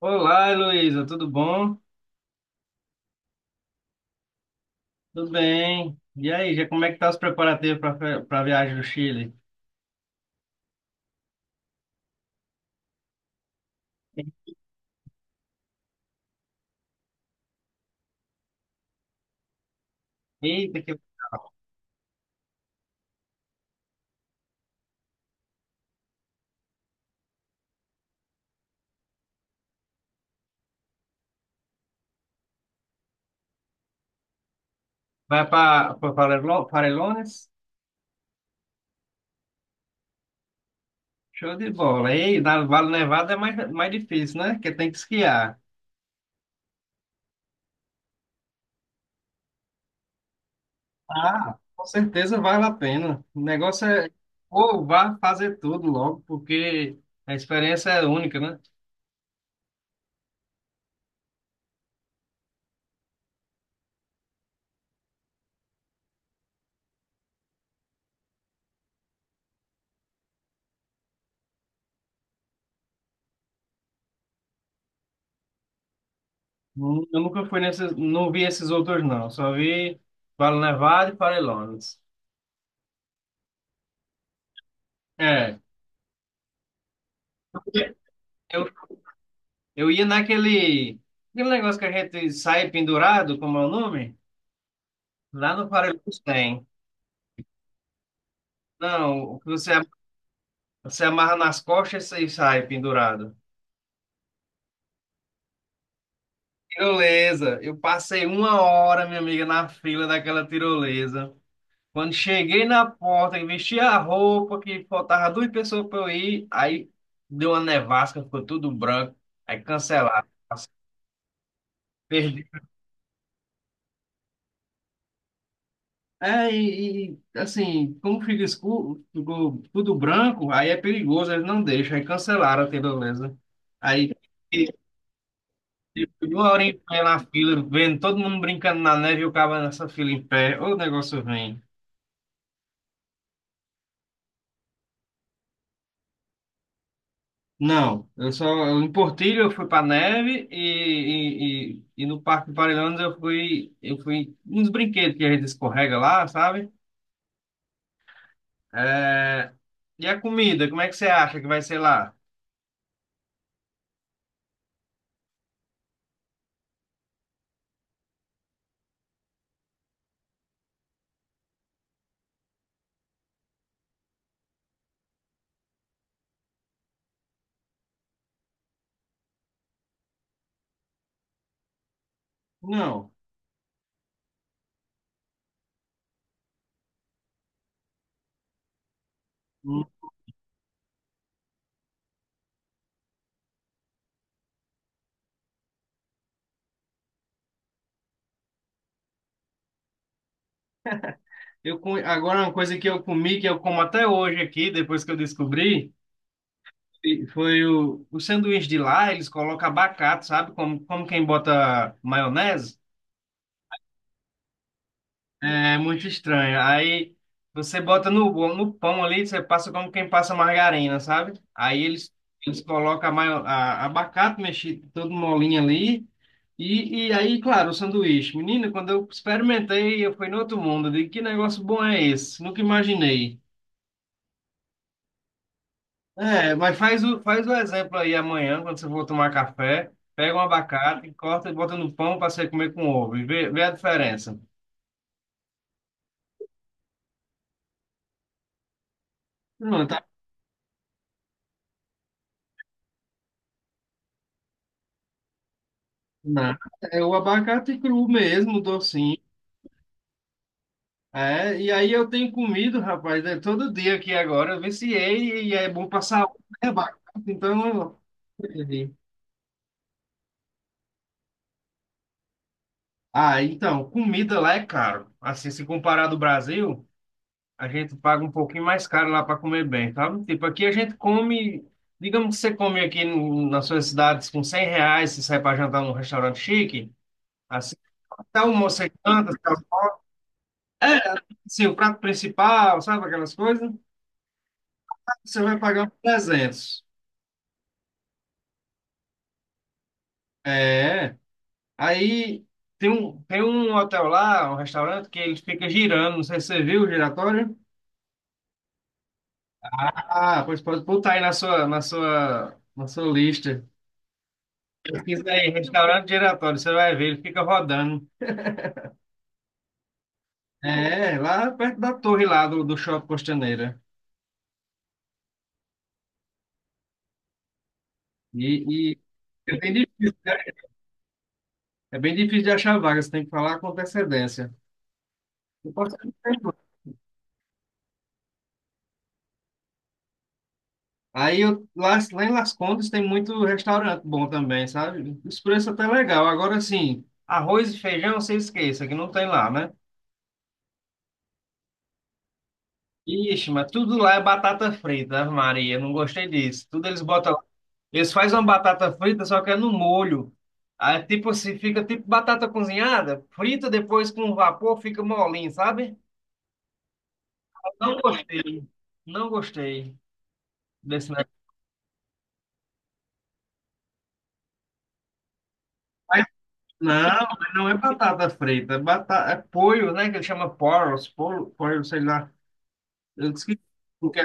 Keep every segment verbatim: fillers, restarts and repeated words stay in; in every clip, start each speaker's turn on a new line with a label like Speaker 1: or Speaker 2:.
Speaker 1: Olá, Heloísa, tudo bom? Tudo bem. E aí, já como é que tá os preparativos para a viagem do Chile? Eita, que vai para Farellones? Show de bola. Ei, na Vale Nevado é mais, mais difícil, né? Porque tem que esquiar. Ah, com certeza vale a pena. O negócio é ou vá fazer tudo logo, porque a experiência é única, né? Nu- Eu nunca fui nesses, não vi esses outros não. Só vi Vale Nevado e Farellones. É. Eu Eu ia naquele, aquele negócio que a gente sai pendurado, como é o nome? Lá no Parelheiros tem. Não, o que você, am- você amarra nas costas e sai pendurado. Tirolesa. Eu passei uma hora, minha amiga, na fila daquela tirolesa. Quando cheguei na porta, que vesti a roupa, que faltava duas pessoas para eu ir, aí deu uma nevasca, ficou tudo branco, aí cancelaram. Perdi. É, e, e, assim, como fica escuro, ficou tudo branco, aí é perigoso, eles não deixam, aí cancelaram, a menos, né? Aí, e- e uma hora em pé na fila, vendo todo mundo brincando na neve e o cara nessa fila em pé, ô, o negócio vem. Não, eu só, eu, em Portilho eu fui pra neve e, e, e, e no Parque Parelhões eu fui, eu fui, nos brinquedos que a gente escorrega lá, sabe? É, e a comida, como é que você acha que vai ser lá? Não. Eu, co- agora, uma coisa que eu comi, que eu como até hoje aqui, depois que eu descobri, e- foi o, o sanduíche de lá, eles colocam abacate, sabe? Como, como quem bota maionese. É muito estranho. Aí você bota no, no pão ali, você passa como quem passa margarina, sabe? Aí eles, eles colocam a maio- a- abacate mexido, todo molinho ali. E, e aí, claro, o sanduíche. Menino, quando eu experimentei, eu fui no outro mundo. Eu digo, que negócio bom é esse? Nunca imaginei. É, mas faz o, faz o exemplo aí amanhã, quando você for tomar café, pega um abacate, corta e bota no pão para você comer com ovo e vê, vê a diferença. Não, tá nada. É o abacate cru mesmo, docinho. É, e aí eu tenho comido, rapaz, né, todo dia aqui agora, eu viciei e é bom pra saúde, né, abacate? Então, eu não- ah, então, comida lá é caro. Assim, se comparar do Brasil, a gente paga um pouquinho mais caro lá para comer bem, sabe? Tipo, aqui a gente come, digamos que você come aqui no- nas suas cidades com cem reais, você sai para jantar num restaurante chique, assim, até o almoço você janta, assim, o prato principal, sabe aquelas coisas? Você vai pagar uns trezentos. É, aí tem um, tem um hotel lá, um restaurante, que ele fica girando, não sei se você viu o giratório. Ah, pois pode botar aí na sua, na sua, na sua lista. Pesquisa aí, restaurante giratório, você vai ver, ele fica rodando. É, lá perto da torre lá do, do Shopping Costaneira. E, e é bem difícil, né? É bem difícil de achar vaga, você tem que falar com antecedência. Eu posso ter tempo. Aí eu, lá, lá em Las Condes tem muito restaurante bom também, sabe? Os preços até legal. Agora sim, arroz e feijão, você esqueça, que não tem lá, né? Ixi, mas tudo lá é batata frita, Ave Maria, não gostei disso. Tudo eles botam. Eles fazem uma batata frita, só que é no molho. Aí, tipo assim, fica tipo batata cozinhada, frita depois com vapor, fica molinho, sabe? Não gostei. Não gostei desse negócio. Mas, não, mas não é batata frita, é, batata, é polho, né? Que ele chama poros, polho, polho, sei lá. Eu esqueci o que é.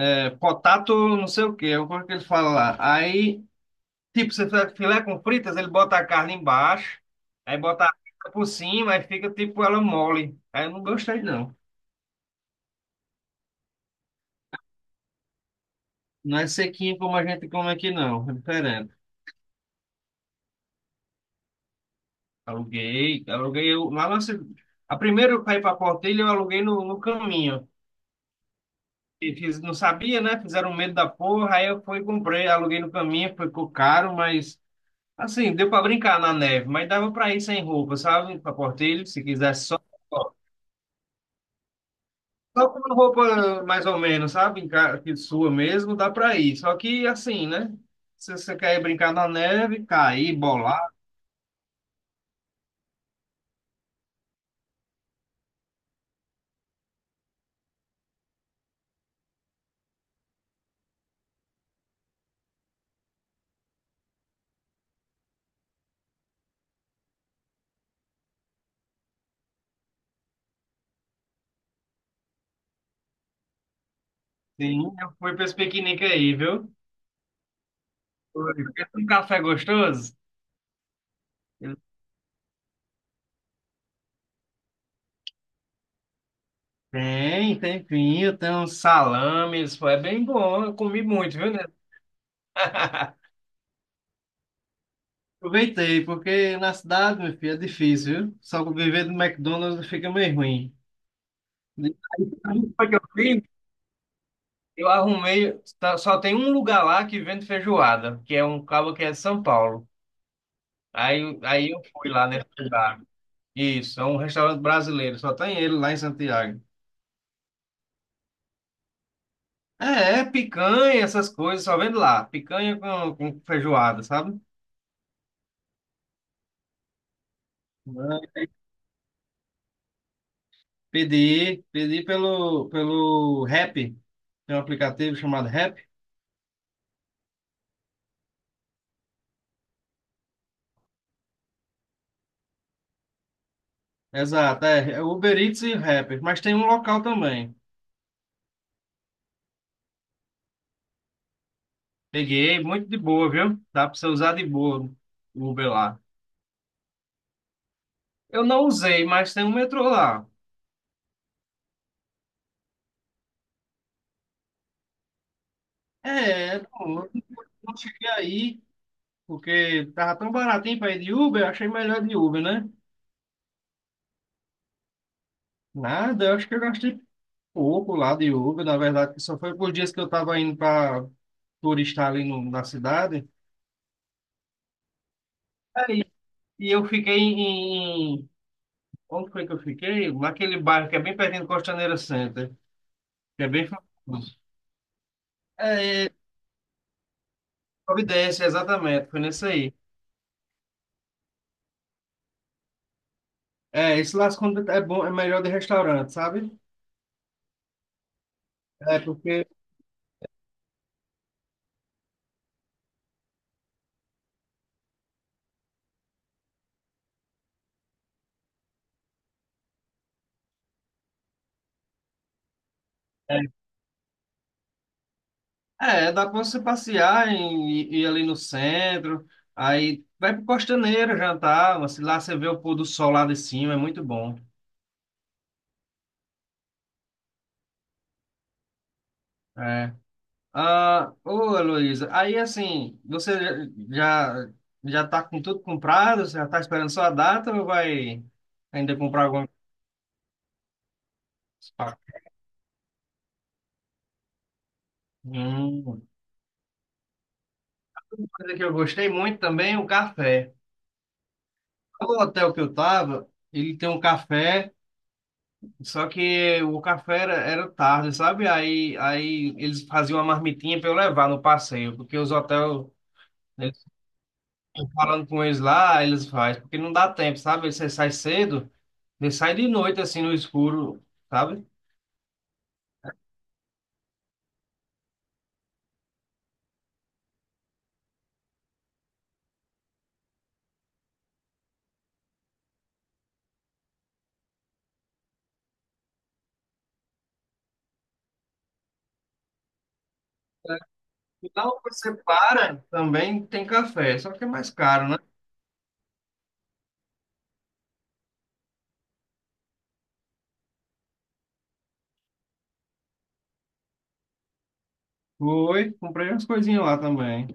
Speaker 1: É potato, não sei o que, é o que ele fala lá. Aí, tipo, você faz filé com fritas, ele bota a carne embaixo, aí bota a frita por cima, aí fica tipo ela mole. Aí eu não gostei, não. Não é sequinho como a gente come aqui, não. É diferente. Aluguei, aluguei eu, lá na ci- a primeira para ir para Portilho, eu aluguei no, no caminho. E fiz, não sabia, né? Fizeram medo da porra, aí eu fui e comprei, aluguei no caminho, ficou caro, mas assim, deu para brincar na neve, mas dava para ir sem roupa, sabe? Para Portilho, se quisesse só só com uma roupa mais ou menos, sabe? Em ca- Que sua mesmo, dá para ir. Só que assim, né? Se você quer ir brincar na neve, cair, bolar, sim, eu fui para esse piquenique aí, viu? Oi, pensa num café gostoso? Ele. Tem, tem pinho, tem uns salames, pô, é bem bom, eu comi muito, viu, né? Aproveitei, porque na cidade, meu filho, é difícil, viu? Só que viver do McDonald's fica meio ruim. Aí, sabe o que eu fiz? Eu arrumei, tá, só tem um lugar lá que vende feijoada, que é um cabo que é de São Paulo. Aí, aí eu fui lá nesse lugar. Isso, é um restaurante brasileiro, só tem ele lá em Santiago. É, é, picanha, essas coisas, só vendo lá. Picanha com, com feijoada, sabe? Mas. Pedi, pedi pelo, pelo Rappi. Tem um aplicativo chamado Rappi. Exato, é, é Uber Eats e Rappi. Mas tem um local também. Peguei, muito de boa, viu? Dá pra você usar de boa o Uber lá. Eu não usei, mas tem um metrô lá. É, não, eu não cheguei aí, porque tava tão baratinho pra ir de Uber, eu achei melhor de Uber, né? Nada, eu acho que eu gastei Uber lá de Uber, na verdade, que só foi por dias que eu estava indo para turistar ali no- na cidade. Aí, e eu fiquei em, em- onde foi que eu fiquei? Naquele bairro que é bem pertinho do Costaneira Center, que é bem famoso. É, é, Providência, exatamente, foi nesse aí. É, esse lá quando é bom, é melhor de restaurante, sabe? É, porque... É, é, dá para você passear e ir ali no centro, aí vai para Costaneira jantar, mas lá você vê o pôr do sol lá de cima, é muito bom. É. Ah, ô, Heloísa, aí assim, você já já está com tudo comprado? Você já está esperando só a data ou vai ainda comprar alguma coisa? Ah, hum. Uma coisa que eu gostei muito também é o café. O hotel que eu tava, ele tem um café, só que o café era, era tarde, sabe? Aí, aí eles faziam uma marmitinha para eu levar no passeio, porque os hotéis, eles, falando com eles lá, eles fazem, porque não dá tempo, sabe? Você sai cedo. Ele sai de noite, assim, no escuro, sabe? E lá onde você para, também tem café, só que é mais caro, né? Foi, comprei umas coisinhas lá também.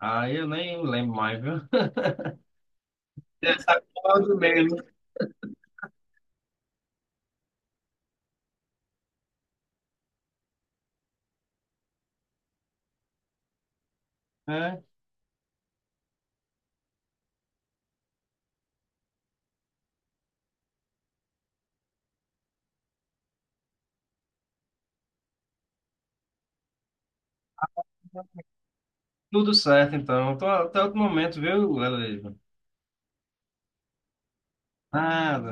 Speaker 1: Aí eu nem lembro mais, viu? Essa coisa mesmo. É, tudo certo, então. Tô, até outro momento, viu, Leleiro? Nada.